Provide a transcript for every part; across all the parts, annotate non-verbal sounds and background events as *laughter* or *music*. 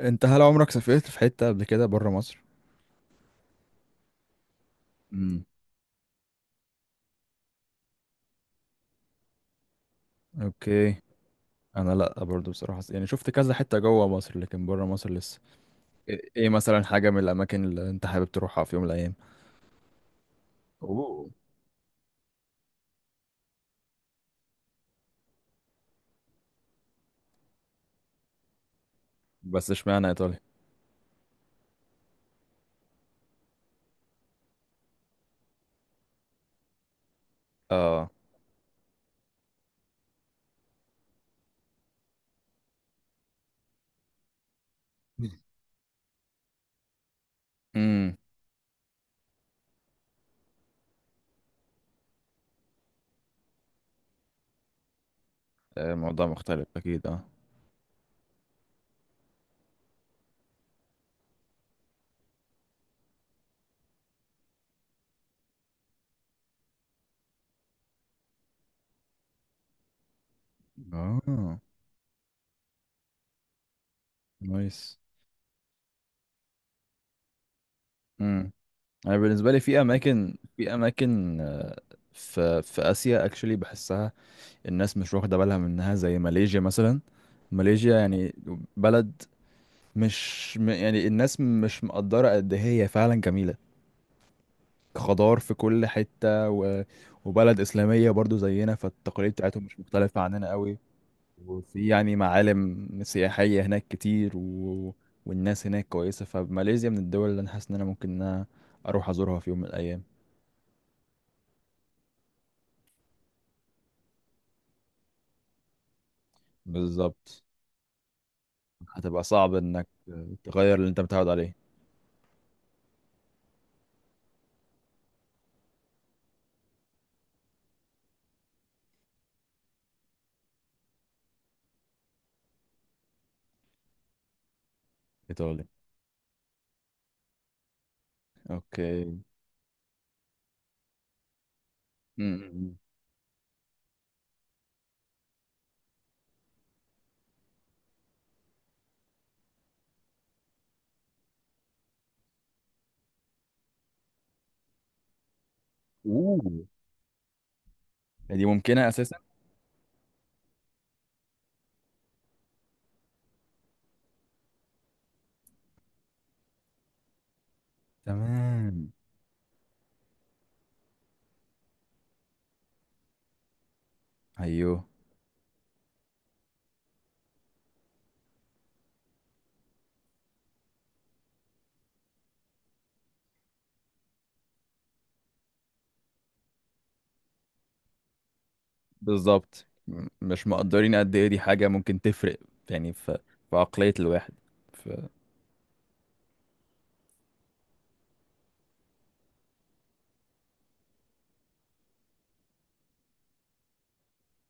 انت هل عمرك سافرت في حتة قبل كده بره مصر؟ امم اوكي. انا لا برضو بصراحة، يعني شفت كذا حتة جوه مصر لكن بره مصر لسه. ايه ايه مثلا حاجة من الاماكن اللي انت حابب تروحها في يوم من الايام؟ اوه. بس اشمعنى ايطاليا؟ اه. *laughs* امم. الموضوع مختلف اكيد، اه. اه. نايس. امم. انا بالنسبة لي في اماكن، في اسيا اكشلي بحسها الناس مش واخدة بالها منها، زي ماليزيا مثلا. ماليزيا يعني بلد، مش يعني الناس مش مقدرة قد إيه هي فعلا جميلة. خضار في كل حتة و... وبلد إسلامية برضو زينا، فالتقاليد بتاعتهم مش مختلفة عننا قوي. وفي يعني معالم سياحية هناك كتير و... والناس هناك كويسة. فماليزيا من الدول اللي أنا حاسس إن أنا ممكن إن أنا أروح أزورها في يوم من الأيام. بالظبط. هتبقى صعب إنك تغير اللي أنت متعود عليه. إيطالي. أوكي. م- م- م. أوه. دي ممكنة أساسا. تمام. أيوه. بالظبط، مش مقدرين قد ايه دي حاجة ممكن تفرق يعني في في عقلية الواحد. في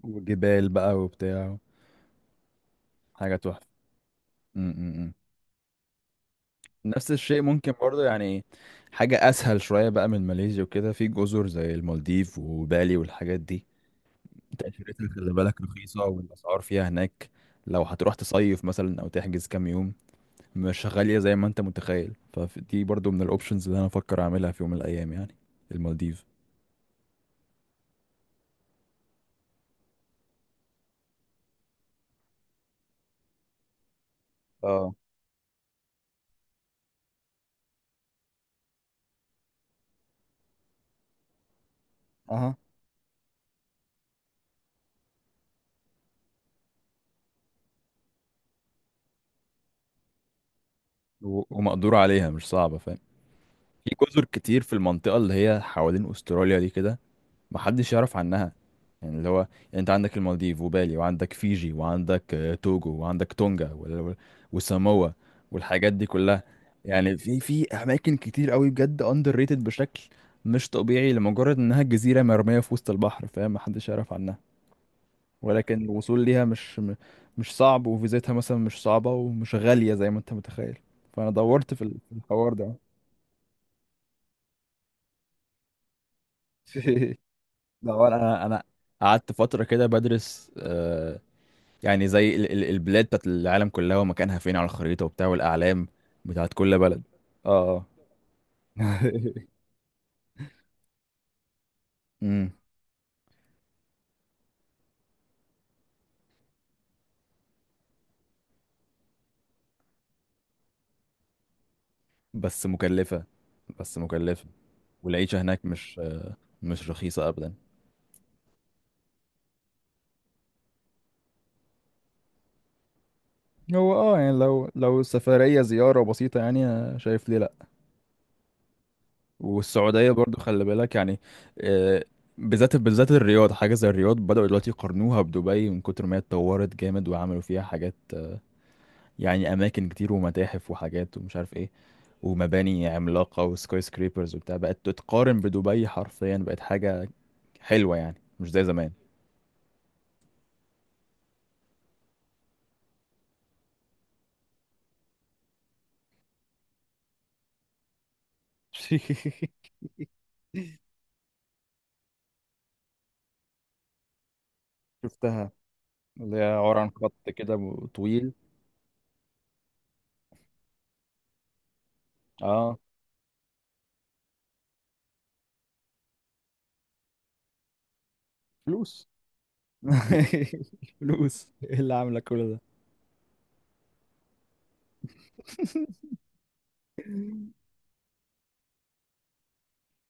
وجبال بقى وبتاع. حاجة تحفة. م- م- م. نفس الشيء ممكن برضه، يعني حاجة أسهل شوية بقى من ماليزيا وكده، في جزر زي المالديف وبالي والحاجات دي. تأشيرتها خلي بالك رخيصة، والأسعار فيها هناك لو هتروح تصيف مثلا أو تحجز كام يوم مش غالية زي ما أنت متخيل. فدي برضه من الأوبشنز اللي أنا أفكر أعملها في يوم من الأيام، يعني المالديف. اه. اها. ومقدور عليها، مش صعبة فاهم. في جزر كتير في المنطقة اللي هي حوالين أستراليا دي كده محدش يعرف عنها. يعني اللي هو يعني انت عندك المالديف وبالي، وعندك فيجي، وعندك آه، توجو، وعندك تونجا، وساموا، والحاجات دي كلها. يعني في أماكن كتير قوي بجد أندر ريتد بشكل مش طبيعي، لمجرد إنها جزيرة مرمية في وسط البحر، فاهم، محدش يعرف عنها. ولكن الوصول ليها مش مش صعب، وفيزتها مثلا مش صعبة ومش غالية زي ما انت متخيل. فأنا دورت في في الحوار ده. *laughs* لا هو انا، قعدت فتره كده بدرس آه، يعني زي البلاد بتاعت العالم كلها، ومكانها فين على الخريطه وبتاع، والاعلام بتاعت كل بلد. اه. *laughs* امم. بس مكلفه، بس مكلفه. والعيشه هناك مش آه، مش رخيصه ابدا. هو اه يعني، لو سفرية زيارة بسيطة يعني أنا شايف ليه لا. والسعودية برضو خلي بالك يعني آه، بالذات، بالذات الرياض. حاجة زي الرياض بدأوا دلوقتي يقارنوها بدبي من كتر ما هي اتطورت جامد، وعملوا فيها حاجات آه، يعني أماكن كتير ومتاحف وحاجات ومش عارف ايه، ومباني عملاقة وسكاي سكريبرز وبتاع. بقت تتقارن بدبي حرفيا، بقت حاجة حلوة يعني مش زي زمان. *laughs* شفتها، اللي هي عبارة عن خط كده طويل. اه. فلوس. *laughs* فلوس ايه اللي عاملة كل ده؟ *laughs*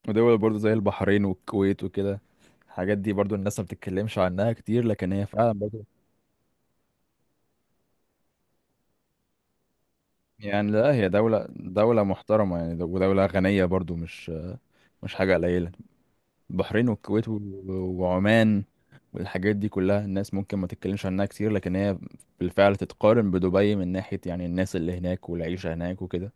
ودول برضو زي البحرين والكويت وكده، الحاجات دي برضو الناس ما بتتكلمش عنها كتير، لكن هي فعلا برضو يعني، لا هي دولة، محترمة يعني، ودولة غنية برضو، مش مش حاجة قليلة. البحرين والكويت وعمان والحاجات دي كلها، الناس ممكن ما تتكلمش عنها كتير لكن هي بالفعل تتقارن بدبي من ناحية يعني الناس اللي هناك والعيشة هناك وكده.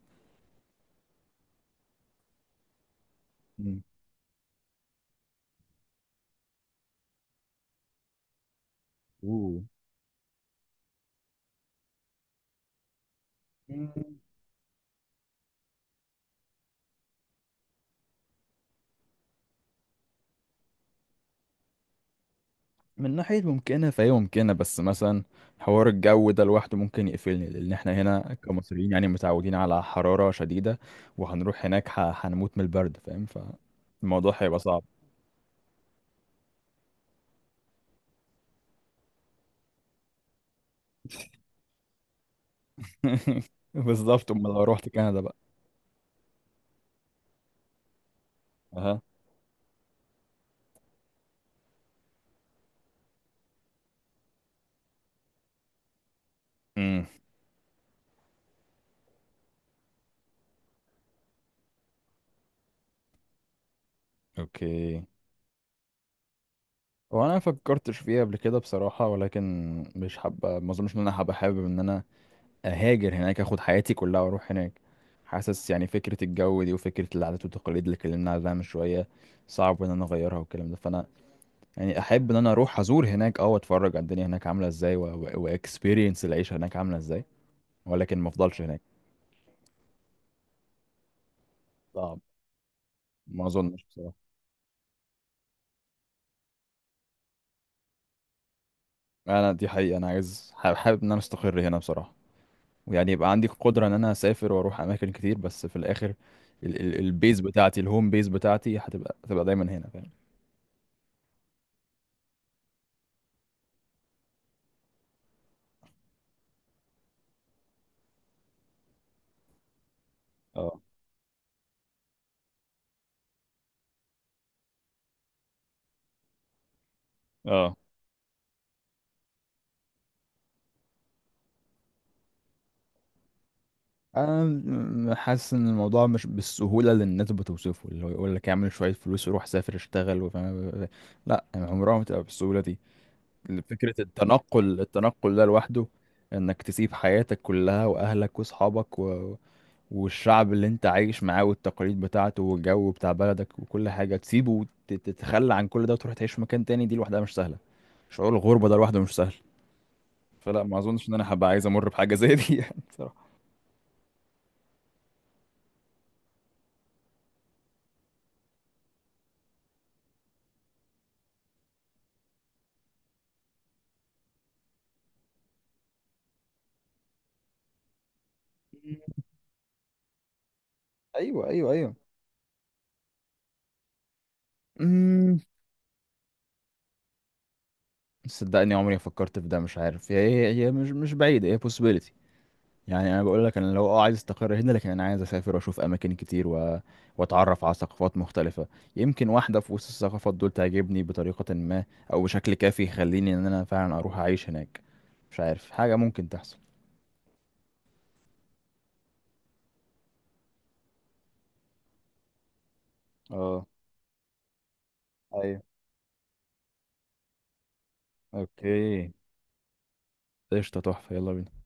مم. اوه. من ناحية ممكنة فهي ممكنة، بس مثلا حوار الجو ده لوحده ممكن يقفلني، لأن احنا هنا كمصريين يعني متعودين على حرارة شديدة، وهنروح هناك هنموت من البرد، فاهم، فالموضوع هيبقى صعب. *laughs* بالظبط أمال لو روحت كندا بقى. أها. امم. أوكي. هو أنا مفكرتش فيها قبل كده بصراحة، ولكن مش حابة، ما أظنش إن أنا هبقى حابب إن أنا اهاجر هناك، اخد حياتي كلها واروح هناك. حاسس يعني فكرة الجو دي، وفكرة العادات والتقاليد اللي اتكلمنا عليها من شوية صعب ان انا اغيرها والكلام ده. فانا يعني احب ان انا اروح ازور هناك اه، واتفرج على الدنيا هناك عاملة ازاي، واكسبيرينس العيشة هناك عاملة ازاي، ولكن ما افضلش هناك. صعب، ما اظنش بصراحة. انا دي حقيقة انا عايز، حابب ان انا استقر هنا بصراحة، ويعني يبقى عندي قدرة ان انا اسافر واروح اماكن كتير، بس في الاخر البيز بتاعتي، الهوم بيز بتاعتي هتبقى، هتبقى دايما هنا فاهم. اه. اه. انا حاسس ان الموضوع مش بالسهوله اللي الناس بتوصفه، اللي هو يقول لك اعمل شويه فلوس وروح سافر اشتغل وفاهم، لا يعني عمرها ما تبقى بالسهوله دي. فكره التنقل، ده لوحده، انك تسيب حياتك كلها واهلك واصحابك و... والشعب اللي انت عايش معاه والتقاليد بتاعته والجو بتاع بلدك وكل حاجه تسيبه، وتتخلى عن كل ده وتروح تعيش في مكان تاني، دي لوحدها مش سهله. شعور الغربه ده لوحده مش سهل. فلا ما اظنش ان انا هبقى عايز امر بحاجه زي دي. *laughs* يعني بصراحه. ايوه ايوه. ايوه صدقني عمري ما فكرت في ده، مش عارف، هي مش، بعيدة، هي possibility. يعني انا بقول لك انا لو اه عايز استقر هنا، لكن انا عايز اسافر واشوف اماكن كتير و... واتعرف على ثقافات مختلفة، يمكن واحدة في وسط الثقافات دول تعجبني بطريقة ما، او بشكل كافي يخليني ان انا فعلا اروح اعيش هناك. مش عارف، حاجة ممكن تحصل. اه. ايوه. اوكي. قشطة تحفة يلا بينا.